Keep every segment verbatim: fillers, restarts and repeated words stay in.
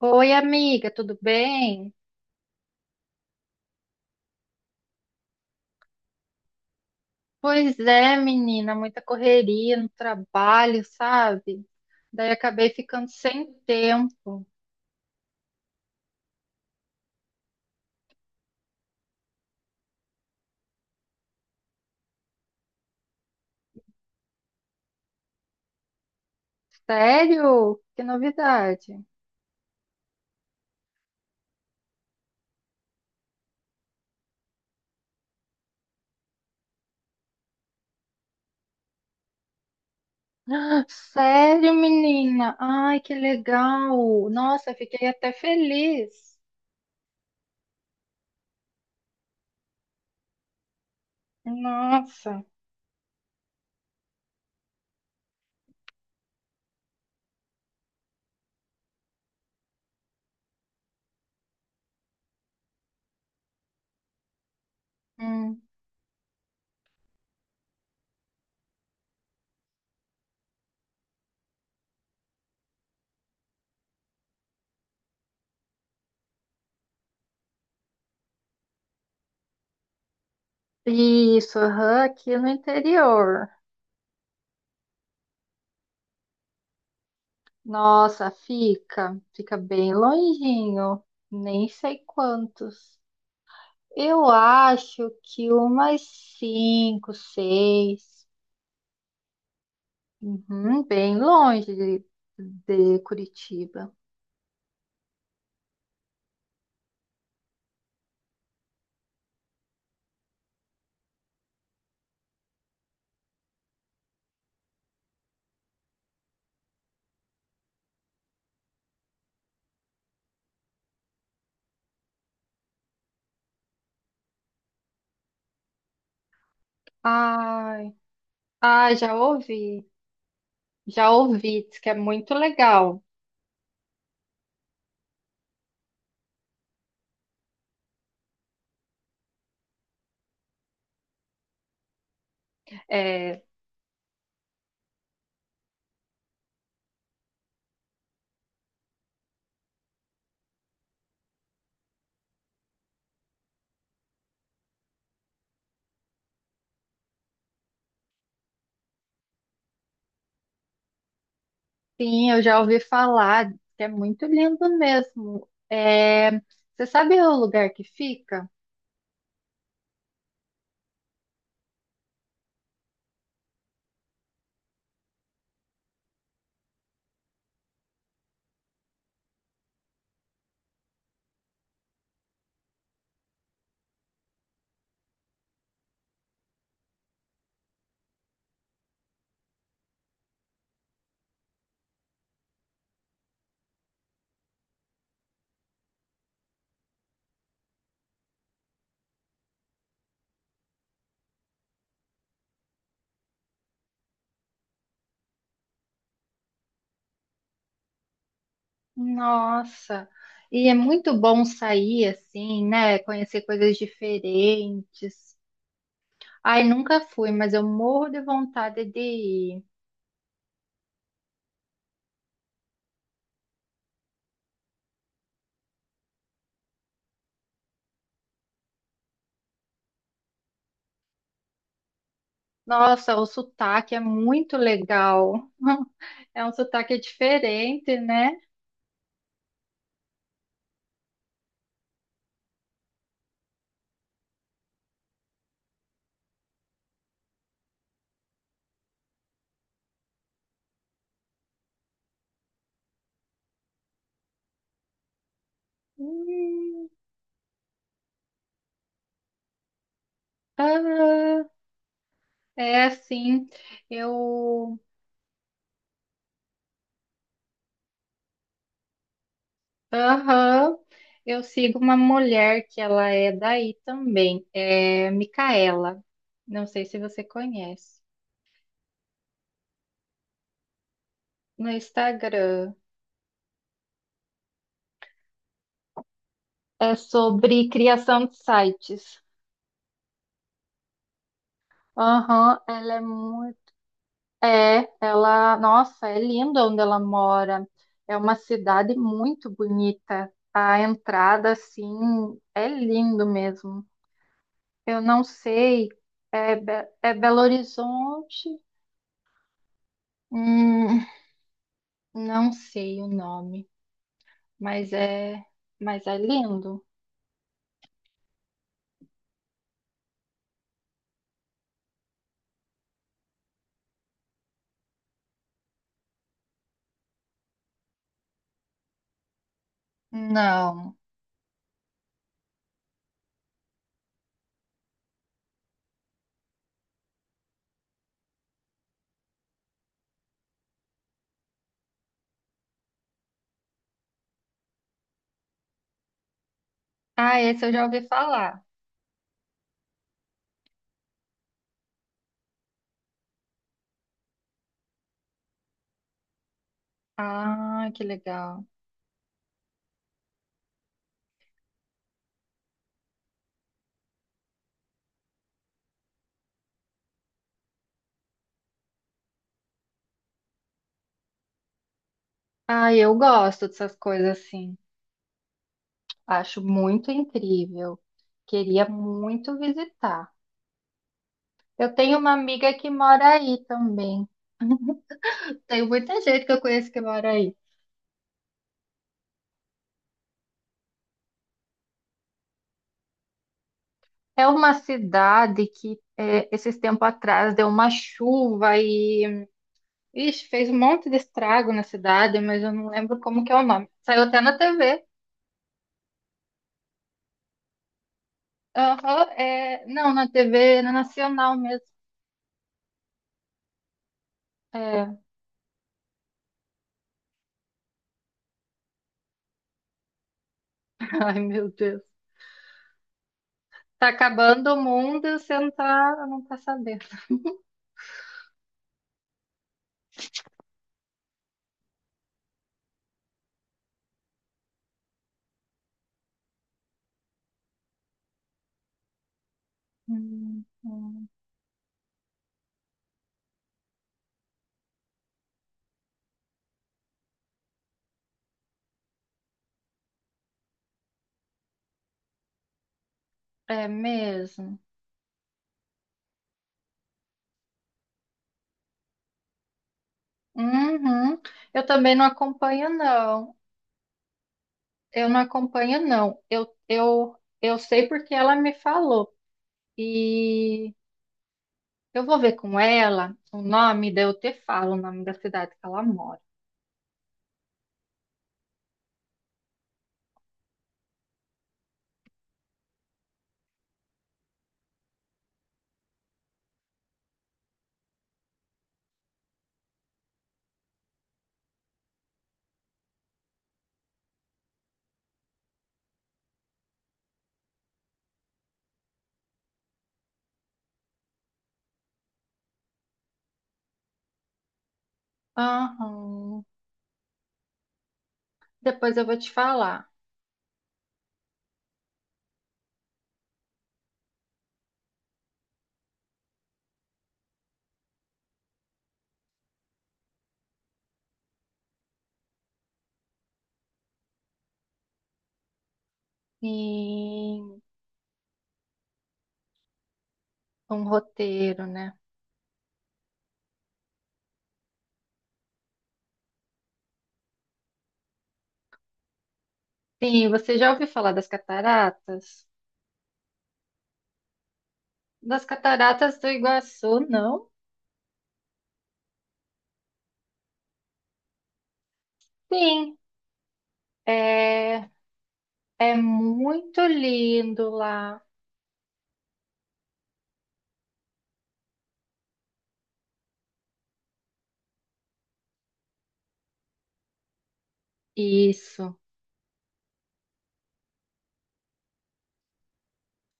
Oi, amiga, tudo bem? Pois é, menina, muita correria no trabalho, sabe? Daí acabei ficando sem tempo. Sério? Que novidade. Ah, sério, menina? Ai, que legal. Nossa, fiquei até feliz. Nossa. Hum. Isso, aham, aqui no interior. Nossa, fica, fica bem longinho. Nem sei quantos. Eu acho que umas cinco, seis. Uhum, bem longe de, de Curitiba. Ai, ai, já ouvi. Já ouvi, diz que é muito legal. É, sim, eu já ouvi falar, diz que é muito lindo mesmo. É, você sabe o lugar que fica? Nossa, e é muito bom sair assim, né? Conhecer coisas diferentes. Ai, nunca fui, mas eu morro de vontade de ir. Nossa, o sotaque é muito legal. É um sotaque diferente, né? Hum, aham. É assim, eu, aham, eu sigo uma mulher que ela é daí também, é Micaela. Não sei se você conhece. No Instagram é sobre criação de sites. Aham, ela é muito. É, ela, nossa, é linda onde ela mora. É uma cidade muito bonita. A entrada, assim, é lindo mesmo. Eu não sei, é, Be- é Belo Horizonte, hum, não sei o nome, mas é, mas é lindo. Não. Ah, esse eu já ouvi falar. Ah, que legal. Ah, eu gosto dessas coisas assim. Acho muito incrível. Queria muito visitar. Eu tenho uma amiga que mora aí também. Tem muita gente que eu conheço que mora aí. É uma cidade que é, esses tempos atrás deu uma chuva e ixi, fez um monte de estrago na cidade, mas eu não lembro como que é o nome. Saiu até na T V. Aham, é, não, na T V nacional mesmo. É, ai, meu Deus. Tá acabando o mundo e você não tá, não tá sabendo. Hum, hum. É mesmo. Uhum. Eu também não acompanho, não. Eu não acompanho, não. Eu, eu, eu sei porque ela me falou. E eu vou ver com ela o nome, daí eu te falo o nome da cidade que ela mora. Aham. Depois eu vou te falar. Sim, um roteiro, né? Sim, você já ouviu falar das cataratas? Das Cataratas do Iguaçu, não? Sim, é, é muito lindo lá. Isso.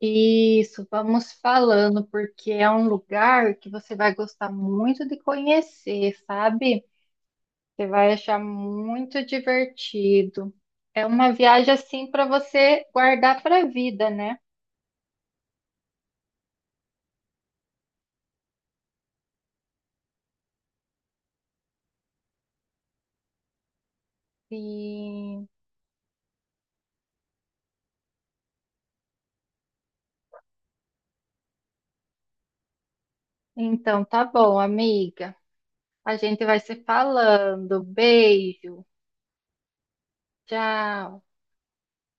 Isso, vamos falando, porque é um lugar que você vai gostar muito de conhecer, sabe? Você vai achar muito divertido. É uma viagem assim para você guardar para a vida, né? E então tá bom, amiga. A gente vai se falando. Beijo. Tchau.